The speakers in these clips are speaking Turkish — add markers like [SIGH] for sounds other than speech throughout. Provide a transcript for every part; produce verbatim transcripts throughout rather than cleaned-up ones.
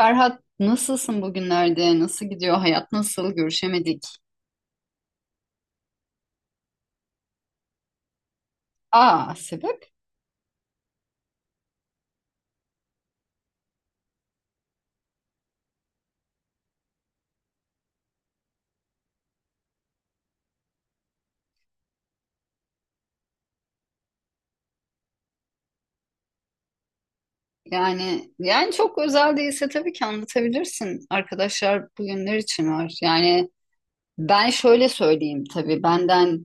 Ferhat nasılsın bugünlerde? Nasıl gidiyor? Hayat nasıl? Görüşemedik. Aa, sebep? Yani yani çok özel değilse tabii ki anlatabilirsin. Arkadaşlar bugünler için var. Yani ben şöyle söyleyeyim tabii benden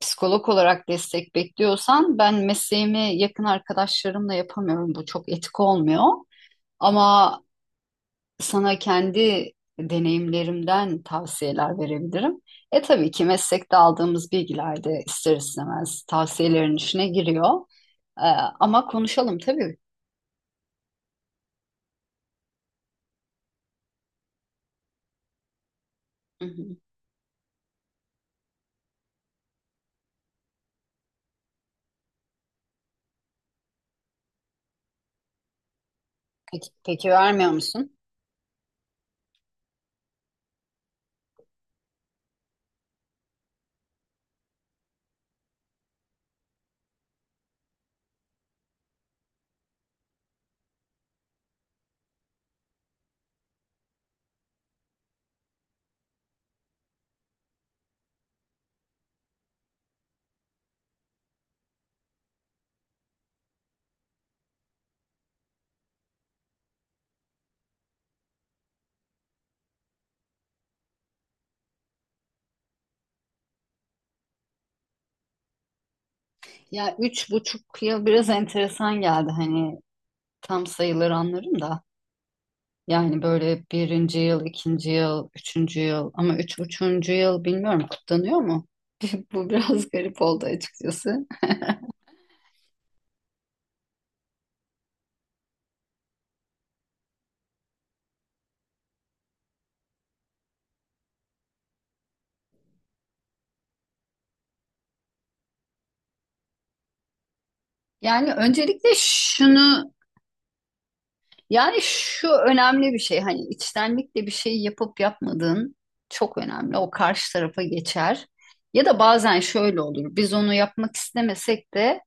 psikolog olarak destek bekliyorsan ben mesleğimi yakın arkadaşlarımla yapamıyorum. Bu çok etik olmuyor. Ama sana kendi deneyimlerimden tavsiyeler verebilirim. E tabii ki meslekte aldığımız bilgiler de ister istemez tavsiyelerin içine giriyor. E, Ama konuşalım tabii. Hı hı. Peki, peki vermiyor musun? Ya üç buçuk yıl biraz enteresan geldi. Hani tam sayıları anlarım da. Yani böyle birinci yıl, ikinci yıl, üçüncü yıl ama üç buçuğuncu yıl bilmiyorum kutlanıyor mu? [LAUGHS] Bu biraz garip oldu açıkçası. Yani öncelikle şunu Yani şu önemli bir şey hani içtenlikle bir şey yapıp yapmadığın çok önemli. O karşı tarafa geçer. Ya da bazen şöyle olur. Biz onu yapmak istemesek de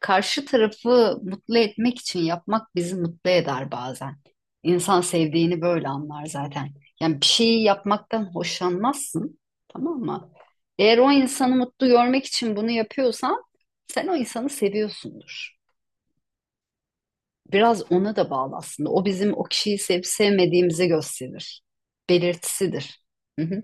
karşı tarafı mutlu etmek için yapmak bizi mutlu eder bazen. İnsan sevdiğini böyle anlar zaten. Yani bir şeyi yapmaktan hoşlanmazsın, tamam mı? Eğer o insanı mutlu görmek için bunu yapıyorsan sen o insanı seviyorsundur. Biraz ona da bağlı aslında. O bizim o kişiyi sevip sevmediğimizi gösterir. Belirtisidir. Hı hı.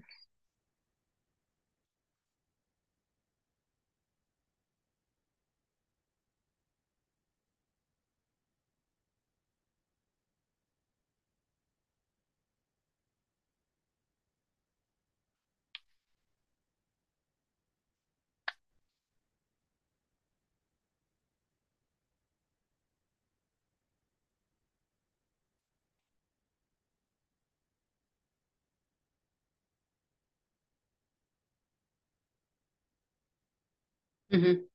Hı hı.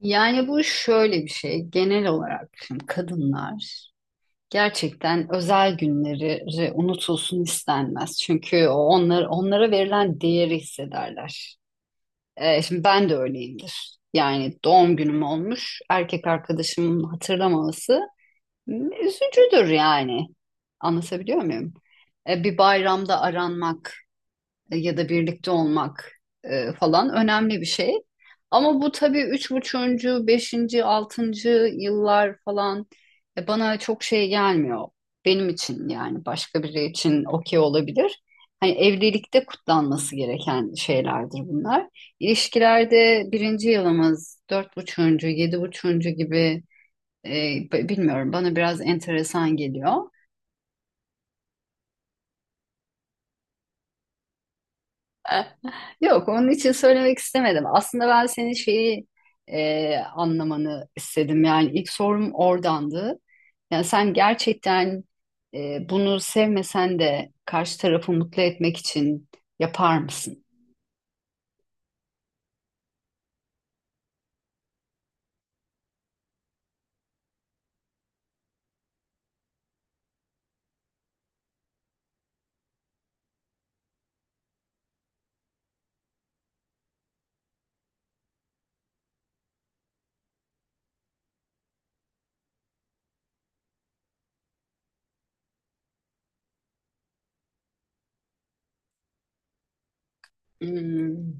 Yani bu şöyle bir şey. Genel olarak şimdi kadınlar gerçekten özel günleri unutulsun istenmez. Çünkü o onlar, onlara verilen değeri hissederler. Ee, şimdi ben de öyleyimdir. Yani doğum günüm olmuş. Erkek arkadaşımın hatırlamaması üzücüdür yani. Anlatabiliyor muyum? E, bir bayramda aranmak e, ya da birlikte olmak e, falan önemli bir şey. Ama bu tabii üç buçuğuncu, beşinci, altıncı yıllar falan e, bana çok şey gelmiyor. Benim için yani başka biri için okey olabilir. Hani evlilikte kutlanması gereken şeylerdir bunlar. İlişkilerde birinci yılımız, dört buçuğuncu, yedi buçuğuncu gibi e, b- bilmiyorum bana biraz enteresan geliyor. E, Yok, onun için söylemek istemedim. Aslında ben senin şeyi e, anlamanı istedim. Yani ilk sorum oradandı. Yani sen gerçekten e, bunu sevmesen de karşı tarafı mutlu etmek için yapar mısın? Hmm.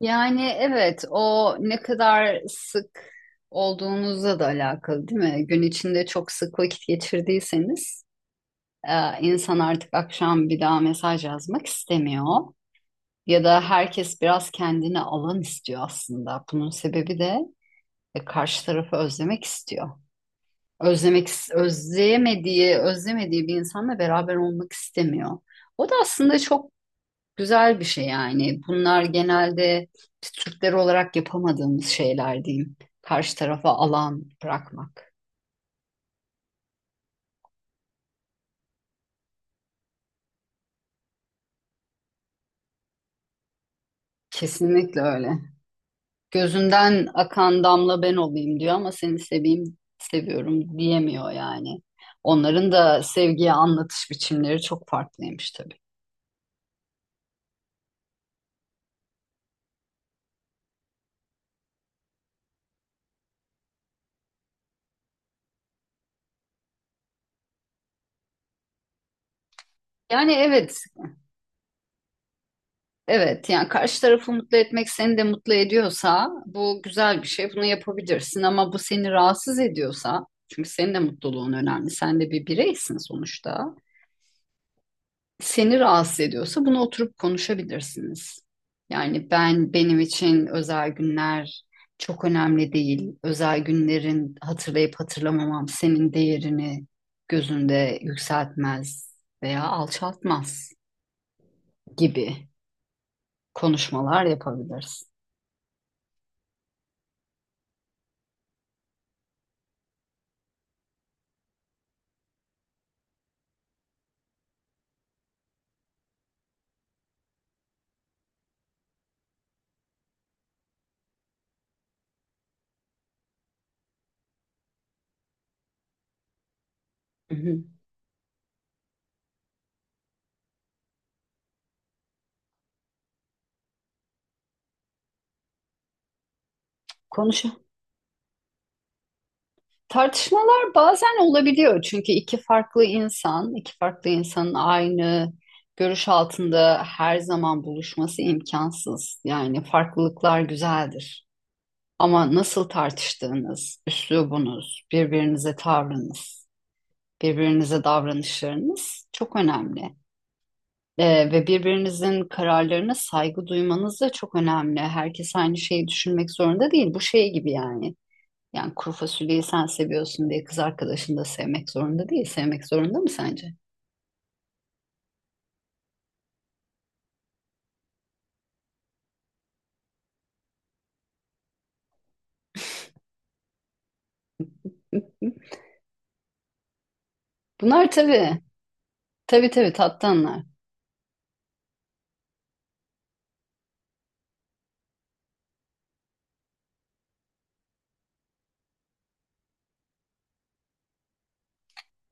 Yani evet, o ne kadar sık olduğunuzla da alakalı, değil mi? Gün içinde çok sık vakit geçirdiyseniz, e, insan artık akşam bir daha mesaj yazmak istemiyor. Ya da herkes biraz kendine alan istiyor aslında. Bunun sebebi de e, karşı tarafı özlemek istiyor. Özlemek, özleyemediği, özlemediği bir insanla beraber olmak istemiyor. O da aslında çok güzel bir şey yani. Bunlar genelde biz Türkler olarak yapamadığımız şeyler diyeyim. Karşı tarafa alan bırakmak. Kesinlikle öyle. Gözünden akan damla ben olayım diyor ama seni seveyim, seviyorum diyemiyor yani. Onların da sevgiye anlatış biçimleri çok farklıymış tabii. Yani evet, evet yani karşı tarafı mutlu etmek seni de mutlu ediyorsa bu güzel bir şey. Bunu yapabilirsin ama bu seni rahatsız ediyorsa çünkü senin de mutluluğun önemli. Sen de bir bireysin sonuçta. Seni rahatsız ediyorsa bunu oturup konuşabilirsiniz. Yani ben benim için özel günler çok önemli değil. Özel günlerin hatırlayıp hatırlamamam senin değerini gözünde yükseltmez veya alçaltmaz gibi konuşmalar yapabiliriz. Hı hı. Konuş Tartışmalar bazen olabiliyor çünkü iki farklı insan, iki farklı insanın aynı görüş altında her zaman buluşması imkansız. Yani farklılıklar güzeldir. Ama nasıl tartıştığınız, üslubunuz, birbirinize tavrınız, birbirinize davranışlarınız çok önemli. Ee, ve birbirinizin kararlarına saygı duymanız da çok önemli. Herkes aynı şeyi düşünmek zorunda değil. Bu şey gibi yani. Yani kuru fasulyeyi sen seviyorsun diye kız arkadaşın da sevmek zorunda değil. Sevmek zorunda mı sence? [LAUGHS] Bunlar tabii, tabii tabii tattanlar.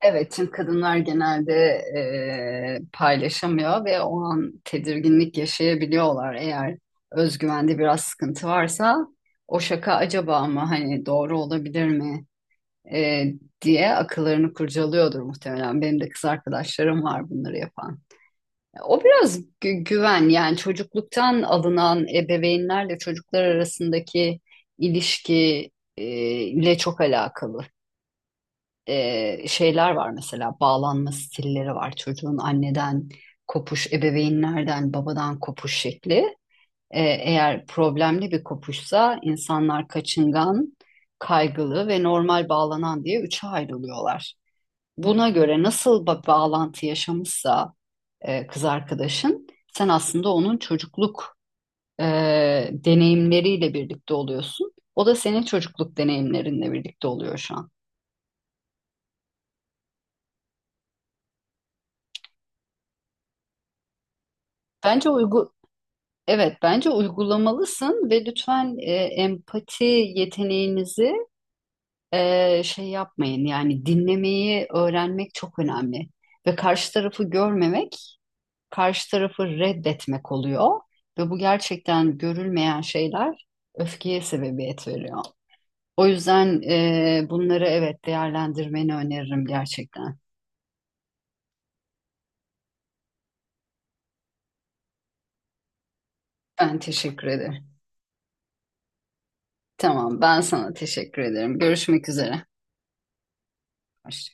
Evet, çünkü kadınlar genelde eee, paylaşamıyor ve o an tedirginlik yaşayabiliyorlar. Eğer özgüvende biraz sıkıntı varsa o şaka acaba mı hani doğru olabilir mi eee, diye akıllarını kurcalıyordur muhtemelen. Benim de kız arkadaşlarım var bunları yapan. O biraz gü- güven yani çocukluktan alınan ebeveynlerle çocuklar arasındaki ilişki e, ile çok alakalı. E, şeyler var mesela bağlanma stilleri var çocuğun anneden kopuş ebeveynlerden babadan kopuş şekli. E, eğer problemli bir kopuşsa insanlar kaçıngan kaygılı ve normal bağlanan diye üçe ayrılıyorlar. Buna göre nasıl ba- bağlantı yaşamışsa e, kız arkadaşın. Sen aslında onun çocukluk e, deneyimleriyle birlikte oluyorsun. O da senin çocukluk deneyimlerinle birlikte oluyor şu an. Bence uygu Evet bence uygulamalısın ve lütfen e, empati yeteneğinizi e, şey yapmayın. Yani dinlemeyi öğrenmek çok önemli ve karşı tarafı görmemek karşı tarafı reddetmek oluyor ve bu gerçekten görülmeyen şeyler öfkeye sebebiyet veriyor. O yüzden eee, bunları evet değerlendirmeni öneririm gerçekten. Ben teşekkür ederim. Tamam, ben sana teşekkür ederim. Görüşmek üzere. Hoşça